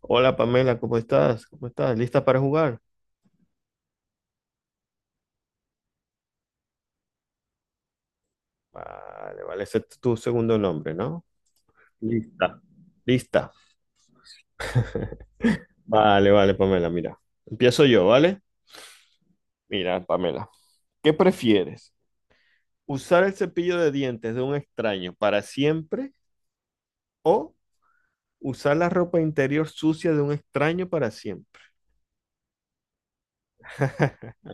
Hola Pamela, ¿cómo estás? ¿Cómo estás? ¿Lista para jugar? Vale, ese es tu segundo nombre, ¿no? Lista. Lista. Vale, Pamela, mira. Empiezo yo, ¿vale? Mira, Pamela, ¿qué prefieres? ¿Usar el cepillo de dientes de un extraño para siempre o usar la ropa interior sucia de un extraño para siempre?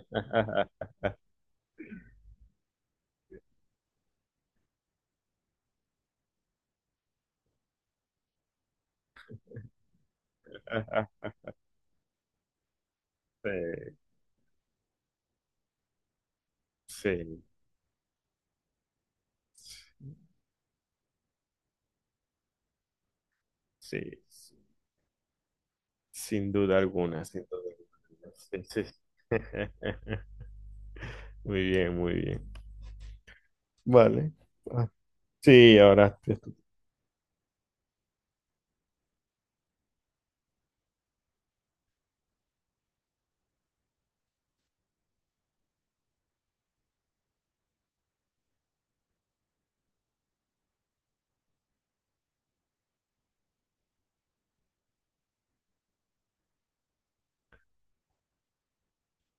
Sí, sí, sí, sin duda alguna, sin duda alguna. Sí, sí. Muy bien, muy bien. Vale. Ah, sí, ahora eres tú.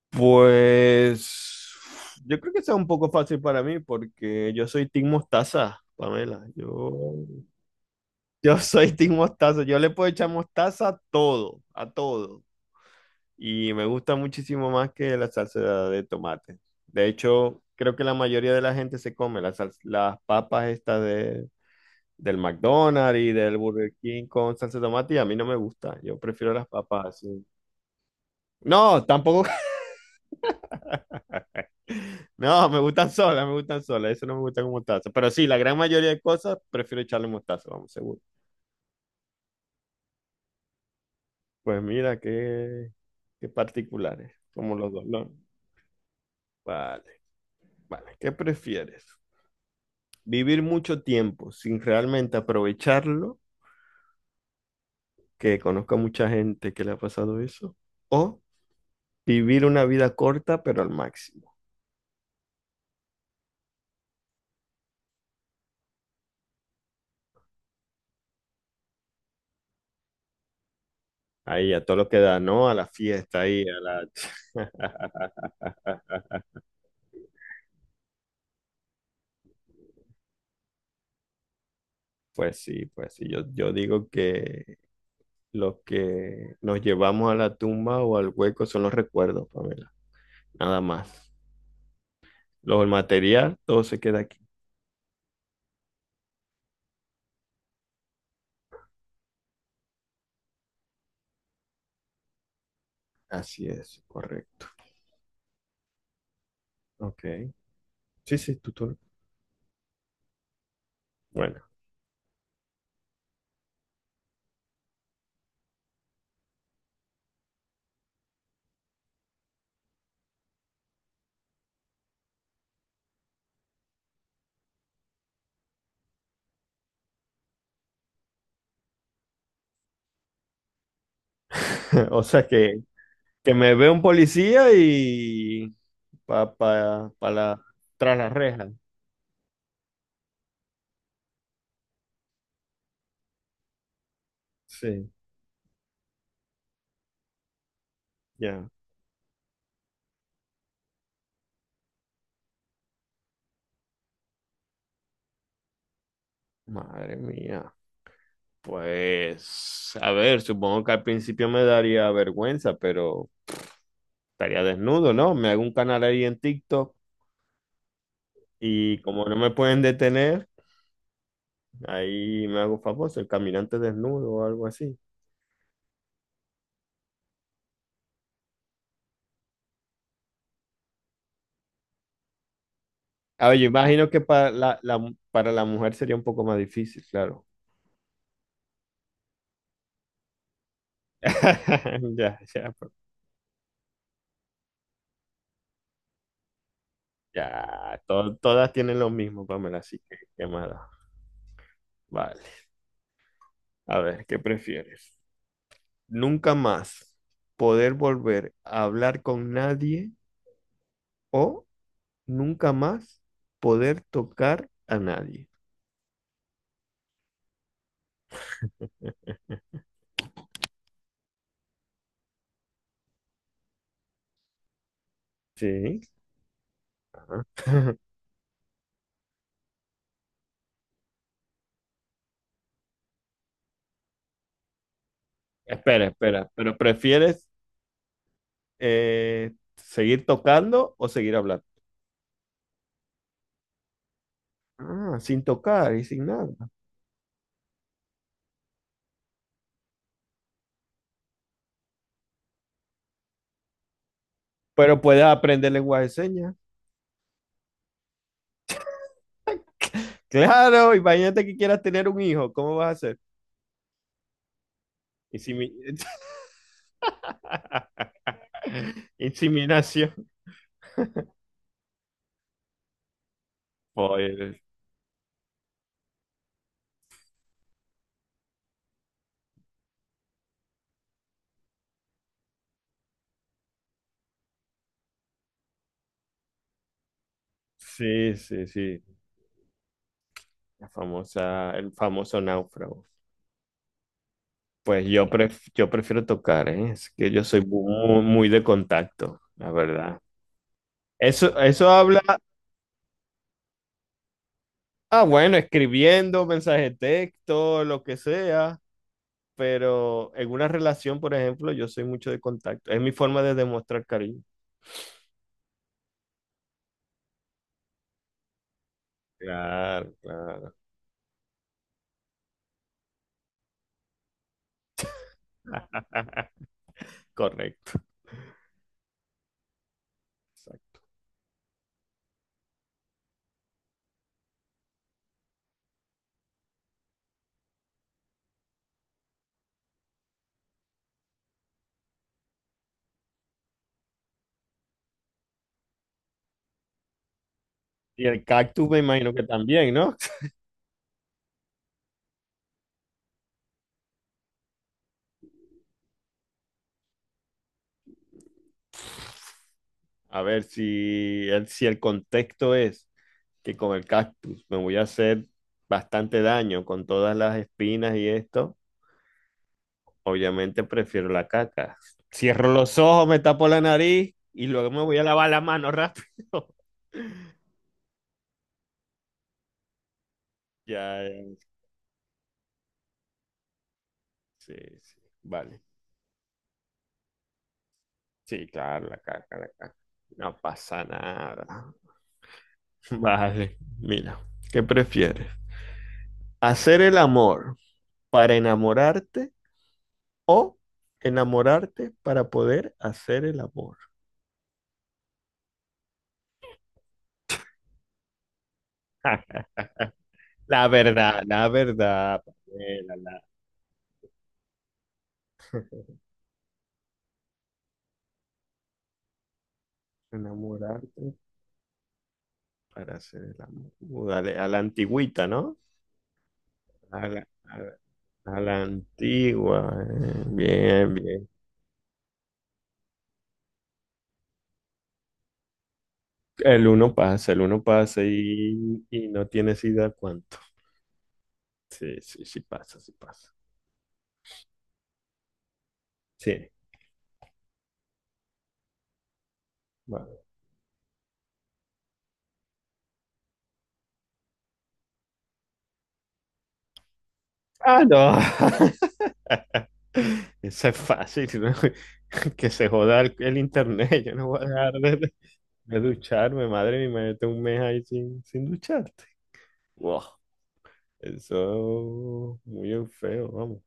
Pues yo creo que sea un poco fácil para mí porque yo soy Team Mostaza, Pamela. Yo soy Team Mostaza. Yo le puedo echar mostaza a todo, a todo. Y me gusta muchísimo más que la salsa de tomate. De hecho, creo que la mayoría de la gente se come las papas estas del McDonald's y del Burger King con salsa de tomate y a mí no me gusta. Yo prefiero las papas así. No, tampoco. No, me gustan solas, me gustan solas. Eso no me gusta con mostaza. Pero sí, la gran mayoría de cosas prefiero echarle mostaza, vamos, seguro. Pues mira, qué particulares, como los dos, ¿no? Vale, vale. ¿Qué prefieres? ¿Vivir mucho tiempo sin realmente aprovecharlo? Que conozca mucha gente que le ha pasado eso. ¿O vivir una vida corta, pero al máximo? Ahí, a todo lo que da, ¿no? A la fiesta, ahí, a la... Pues sí, pues sí. Yo digo que... Lo que nos llevamos a la tumba o al hueco son los recuerdos, Pamela. Nada más. El material, todo se queda aquí. Así es, correcto. Ok. Sí, sí, tú. Bueno. O sea que me ve un policía y pa la tras las rejas. Sí, ya. Madre mía. Pues, a ver, supongo que al principio me daría vergüenza, pero estaría desnudo, ¿no? Me hago un canal ahí en TikTok y como no me pueden detener, ahí me hago famoso, el caminante desnudo o algo así. A ver, yo imagino que para para la mujer sería un poco más difícil, claro. Ya, ya, pero... ya. Todas tienen lo mismo, Pamela, así que qué mala. Vale. A ver, ¿qué prefieres? Nunca más poder volver a hablar con nadie o nunca más poder tocar a nadie. Sí. Espera, espera, pero ¿prefieres seguir tocando o seguir hablando? Ah, sin tocar y sin nada. Pero puedes aprender lenguaje de señas. Claro, imagínate que quieras tener un hijo, ¿cómo vas a hacer? Insemi... Inseminación. Pues, sí, sí, sí. La famosa, el famoso náufrago. Pues yo, yo prefiero tocar, ¿eh? Es que yo soy muy, muy de contacto, la verdad. Eso habla, ah, bueno, escribiendo, mensaje de texto, lo que sea. Pero en una relación, por ejemplo, yo soy mucho de contacto. Es mi forma de demostrar cariño. Claro, claro. Correcto. Exacto. Y el cactus me imagino que también, ¿no? A ver si el contexto es que con el cactus me voy a hacer bastante daño con todas las espinas y esto, obviamente prefiero la caca. Cierro los ojos, me tapo la nariz y luego me voy a lavar la mano rápido. Ya, sí, sí, vale. Sí, claro, la caca, la caca. No pasa nada. Vale, mira, ¿qué prefieres? ¿Hacer el amor para enamorarte o enamorarte para poder hacer el amor? La verdad, Pamela, la... Enamorarte para hacer el amor. Dale, a la antigüita, ¿no? A la, a la- a la antigua, eh. Bien, bien. El uno pasa y no tienes idea cuánto. Sí, sí, sí pasa, sí pasa. Sí, vale. Ah, no. Eso es fácil, ¿no? Que se joda el internet. Yo no voy a dejar de ducharme, madre mía, imagínate un mes ahí sin ducharte. Wow. Eso es muy feo, vamos.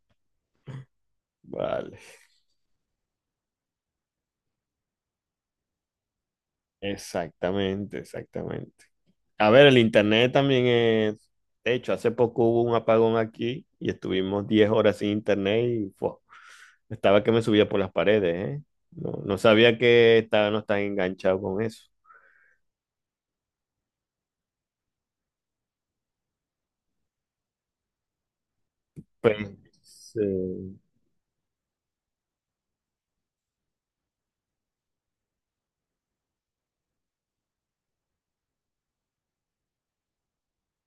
Vale. Exactamente, exactamente. A ver, el internet también es. De hecho, hace poco hubo un apagón aquí y estuvimos 10 horas sin internet y fue... Estaba que me subía por las paredes, ¿eh? No, no sabía que estaba no tan enganchado con eso. Pero, sí,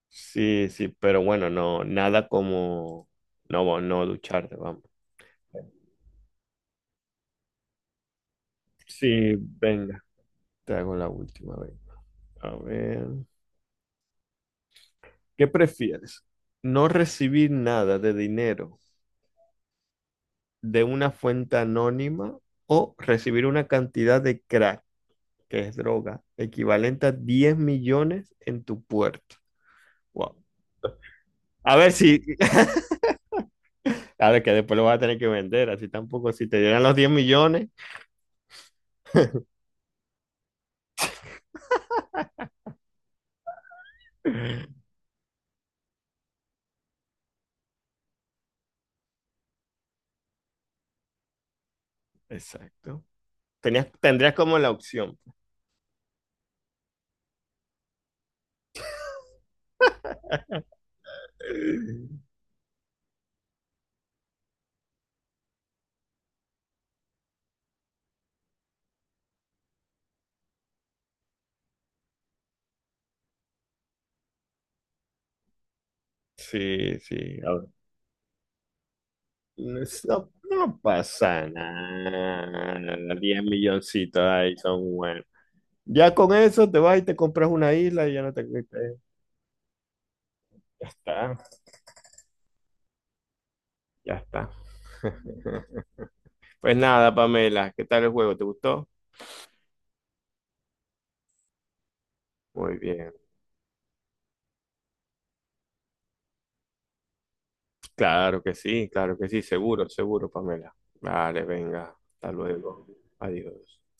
sí, sí, pero bueno, no, nada como no, no ducharte, vamos. Sí, venga, te hago la última vez. A ver, ¿qué prefieres? ¿No recibir nada de dinero de una fuente anónima o recibir una cantidad de crack, que es droga, equivalente a 10 millones en tu puerta? Wow. A ver si... Claro, que después lo vas a tener que vender, así tampoco. Si te dieran los 10 millones. Exacto. Tendrías como la opción. Sí, sí, a ver. No, no pasa nada. 10 milloncitos ahí son buenos. Ya con eso te vas y te compras una isla y ya no te... te... Ya está, ya está. Pues nada, Pamela, ¿qué tal el juego? ¿Te gustó? Muy bien. Claro que sí, seguro, seguro, Pamela. Vale, venga, hasta luego. Adiós.